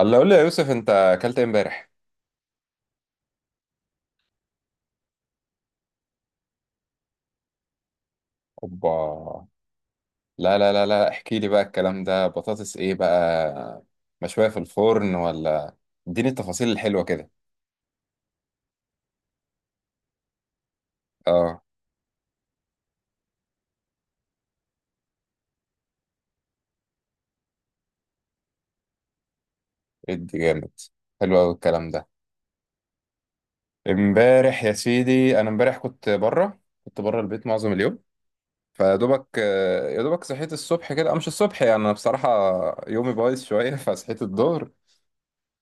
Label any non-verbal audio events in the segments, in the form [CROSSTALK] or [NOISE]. الله، قول لي يا يوسف، انت اكلت ايه امبارح؟ اوبا. لا لا لا لا، احكي لي بقى الكلام ده. بطاطس ايه بقى؟ مشوية في الفرن ولا؟ اديني التفاصيل الحلوة كده. اه. ادي جامد. حلو قوي الكلام ده. امبارح يا سيدي، انا امبارح كنت بره البيت معظم اليوم. فيدوبك، يا دوبك صحيت الصبح كده، أو مش الصبح يعني، انا بصراحة يومي بايظ شوية. [LAUGHS] فصحيت الظهر.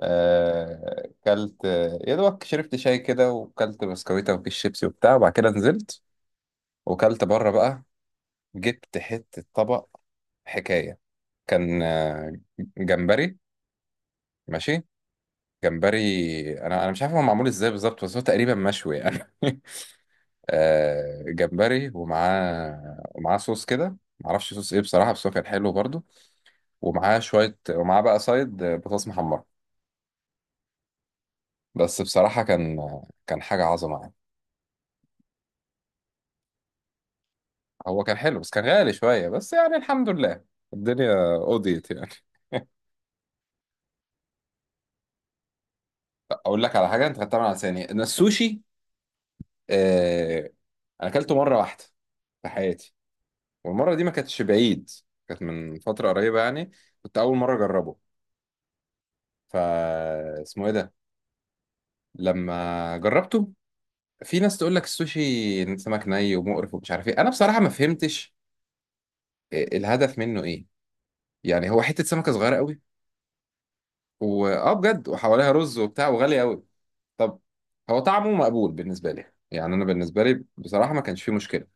كلت، يا دوبك شربت شاي كده، وكلت بسكويتة وكيس شيبسي وبتاع، وبعد كده نزلت وكلت بره بقى. جبت حتة طبق حكاية. كان، جمبري. ماشي، جمبري. انا مش عارف هو معمول ازاي بالظبط، بس هو تقريبا مشوي يعني. [LAUGHS] جمبري، ومعاه صوص كده، معرفش صوص ايه بصراحة، بس هو كان حلو برضو. ومعاه شوية، ومعاه بقى سايد، بطاطس محمرة. بس بصراحة كان حاجة عظمة يعني. هو كان حلو بس كان غالي شوية، بس يعني الحمد لله، الدنيا قضيت يعني. اقول لك على حاجة انت خدتها من على لساني، ان السوشي، آه، انا اكلته مره واحده في حياتي، والمره دي ما كانتش بعيد، كانت من فتره قريبه يعني. كنت اول مره اجربه، فا اسمه ايه ده، لما جربته. في ناس تقول لك السوشي سمك ني ومقرف ومش عارف ايه. انا بصراحه ما فهمتش الهدف منه ايه. يعني هو حته سمكه صغيره قوي واه، بجد، وحواليها رز وبتاع، وغالي قوي. طب، هو طعمه مقبول بالنسبه لي، يعني انا بالنسبه لي بصراحه ما كانش فيه مشكله.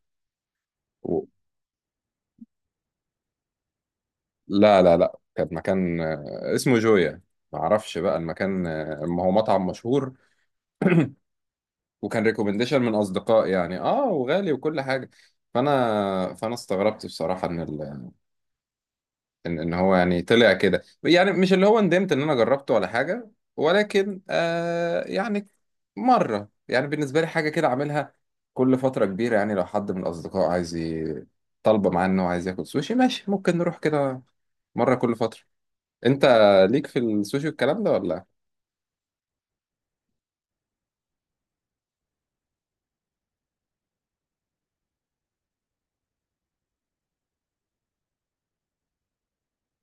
لا لا لا، كان مكان اسمه جويا. ما اعرفش بقى المكان، ما هو مطعم مشهور، وكان ريكومنديشن من اصدقاء يعني، اه، وغالي وكل حاجه. فانا استغربت بصراحه، ان ان هو يعني طلع كده، يعني مش اللي هو ندمت ان انا جربته ولا حاجه، ولكن آه يعني، مره يعني بالنسبه لي، حاجه كده اعملها كل فتره كبيره يعني. لو حد من الاصدقاء عايز، طالبه معاه انه عايز ياكل سوشي، ماشي، ممكن نروح كده مره كل فتره. انت ليك في السوشي والكلام ده ولا؟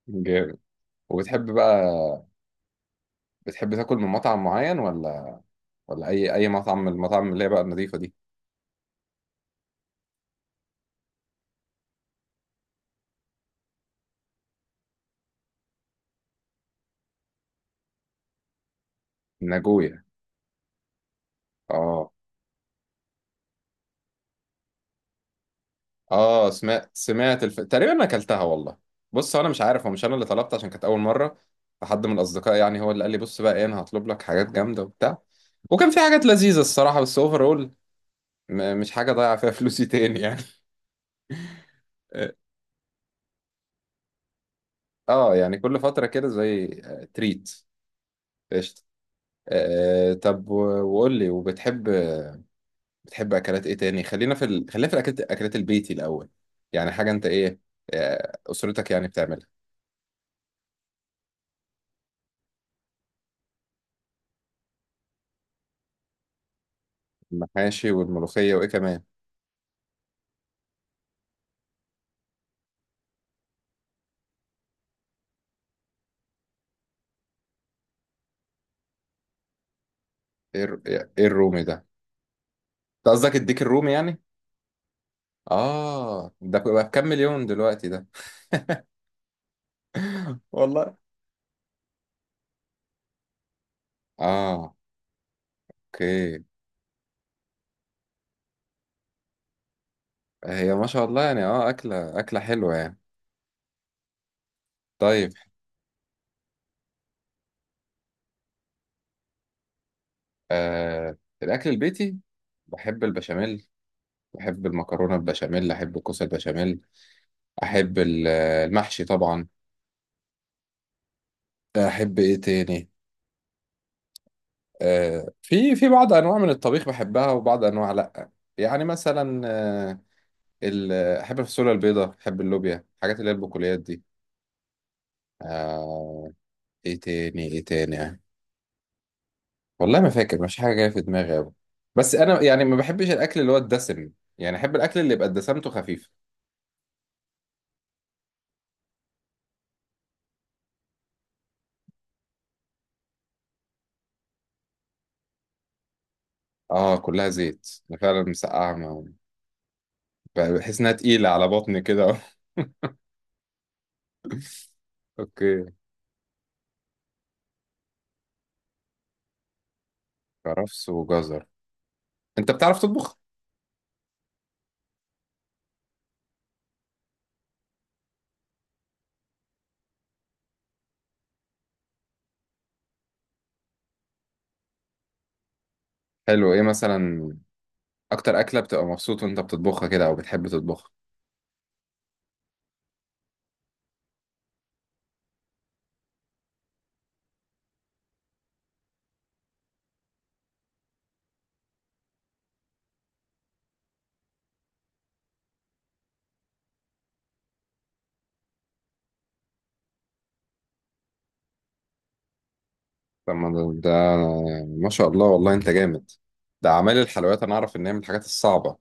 جامد. وبتحب بقى، بتحب تاكل من مطعم معين، ولا اي مطعم من المطاعم اللي هي بقى النظيفه دي؟ ناجويا. اه. اه، سمعت تقريبا انا اكلتها والله. بص، هو انا مش عارف، هو مش انا اللي طلبت، عشان كانت اول مره، فحد من الاصدقاء يعني هو اللي قال لي بص بقى ايه، انا هطلب لك حاجات جامده وبتاع. وكان في حاجات لذيذه الصراحه، بس اوفر، اول مش حاجه ضايعه فيها [LAUGHS] فلوسي تاني يعني. اه يعني كل فتره كده، زي تريت. قشطه. آه، طب، وقول لي، وبتحب، بتحب اكلات ايه تاني؟ خلينا في الاكلات، اكلات البيتي الاول، يعني حاجه انت ايه، اسرتك يعني بتعملها. المحاشي والملوخيه، وايه كمان؟ ايه الر- ايه الرومي ده؟ انت قصدك الديك الرومي يعني؟ اه، ده بقى بكام مليون دلوقتي ده؟ والله، اه، اوكي. هي ما شاء الله يعني، اه، اكله حلوه يعني. طيب. آه الاكل البيتي، بحب البشاميل، بحب المكرونه البشاميل، احب الكوسه البشاميل، احب المحشي طبعا. احب ايه تاني؟ في بعض انواع من الطبيخ بحبها، وبعض انواع لا. يعني مثلا، ال- احب الفاصوليا البيضاء، احب اللوبيا، الحاجات اللي هي البقوليات دي. آه، ايه تاني ايه تاني؟ والله ما فاكر، مش حاجه جايه في دماغي أوي. بس انا يعني ما بحبش الاكل اللي هو الدسم، يعني احب الاكل اللي يبقى دسمته خفيفه. اه، كلها زيت، أنا فعلا مسقعه بحس انها تقيله على بطني كده. [LAUGHS] اوكي، كرفس وجزر. انت بتعرف تطبخ؟ حلو، ايه مثلا؟ اكتر اكله بتبقى مبسوط وانت بتطبخها كده، او بتحب تطبخها؟ طب ما ده ما شاء الله والله انت جامد. ده اعمال الحلويات انا اعرف ان هي من الحاجات الصعبه.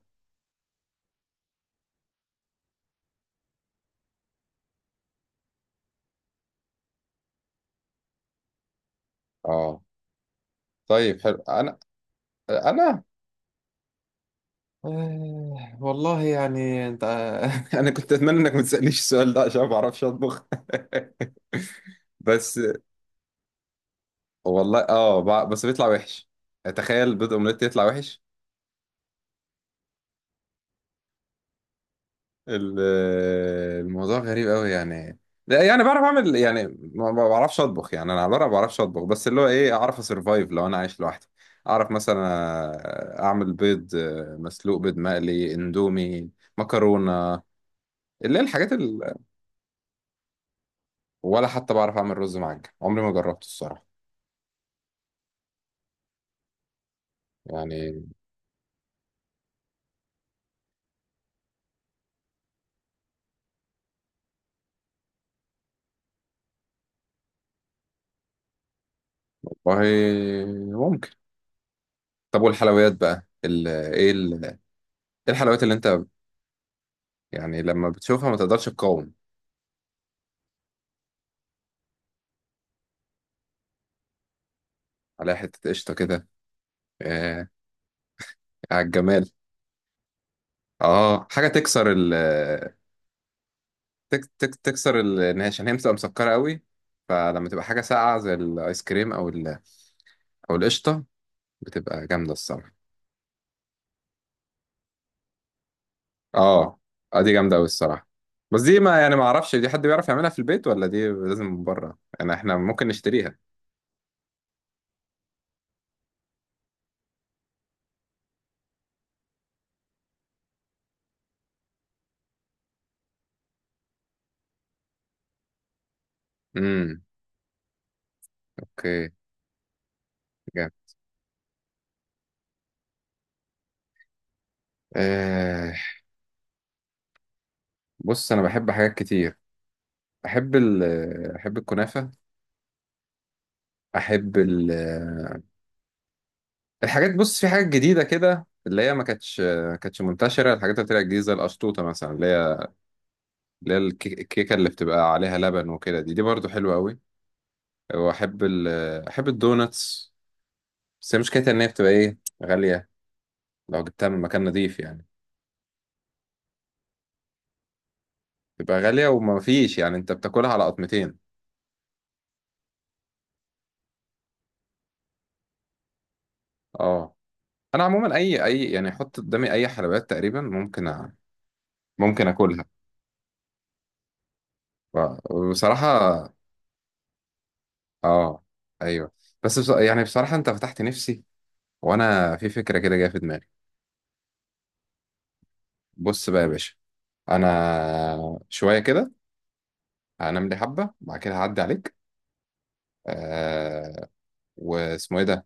اه، طيب، حلو. انا، انا، والله يعني، انت. [LAUGHS] انا كنت اتمنى انك ما تسالنيش السؤال ده، عشان ما بعرفش اطبخ. [LAUGHS] بس والله اه، بس بيطلع وحش، تخيل بيض اومليت يطلع وحش. ال- الموضوع غريب قوي يعني. لا يعني بعرف اعمل يعني، ما بعرفش اطبخ يعني، انا على الورق ما بعرفش اطبخ، بس اللي هو ايه، اعرف اسرفايف لو انا عايش لوحدي. اعرف مثلا اعمل بيض مسلوق، بيض مقلي، اندومي، مكرونه، اللي هي الحاجات ال... ولا حتى بعرف اعمل رز معجن، عمري ما جربته الصراحه يعني. والله، ممكن. طب والحلويات بقى إيه الحلويات اللي انت يعني لما بتشوفها ما تقدرش تقاوم؟ عليها حته قشطه كده، آه، على الجمال. اه، حاجه تكسر، ال تك تك تكسر ال- ان هي عشان هي بتبقى مسكره قوي، فلما تبقى حاجه ساقعه زي الايس كريم او او القشطه، بتبقى جامده الصراحه. اه، اه، دي جامده قوي الصراحه. بس دي ما، يعني ما اعرفش، دي حد بيعرف يعملها في البيت، ولا دي لازم من بره؟ يعني احنا ممكن نشتريها. امم، اوكي. جامد. آه بص انا بحب حاجات كتير، بحب ال... بحب الكنافه، احب ال... الحاجات، بص في حاجات جديدة كده اللي هي ما كانتش منتشرة، الحاجات اللي طلعت جديدة زي القشطوطة مثلا، اللي هي الكيكة اللي بتبقى عليها لبن وكده، دي برضو حلوة قوي. وأحب ال أحب الدوناتس، بس هي مشكلتها إن هي بتبقى إيه؟ غالية. لو جبتها من مكان نظيف يعني، بتبقى غالية، وما فيش يعني، أنت بتاكلها على قطمتين. أه، أنا عموما، أي يعني أحط قدامي أي حلويات تقريبا، ممكن أكلها. و- وبصراحة، أه، أيوه، بس بص، يعني بصراحة أنت فتحت نفسي، وانا في فكره كده جايه في دماغي. بص بقى يا باشا، انا شويه كده هنام لي حبه، بعد كده هعدي عليك، آه، واسمه ايه ده،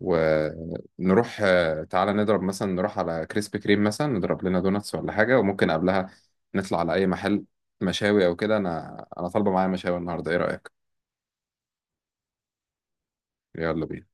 ونروح، آه، تعالى نضرب مثلا نروح على كريسبي كريم مثلا، نضرب لنا دوناتس ولا حاجه، وممكن قبلها نطلع على اي محل مشاوي او كده. انا طالبه معايا مشاوي النهارده، ايه رايك؟ يلا بينا.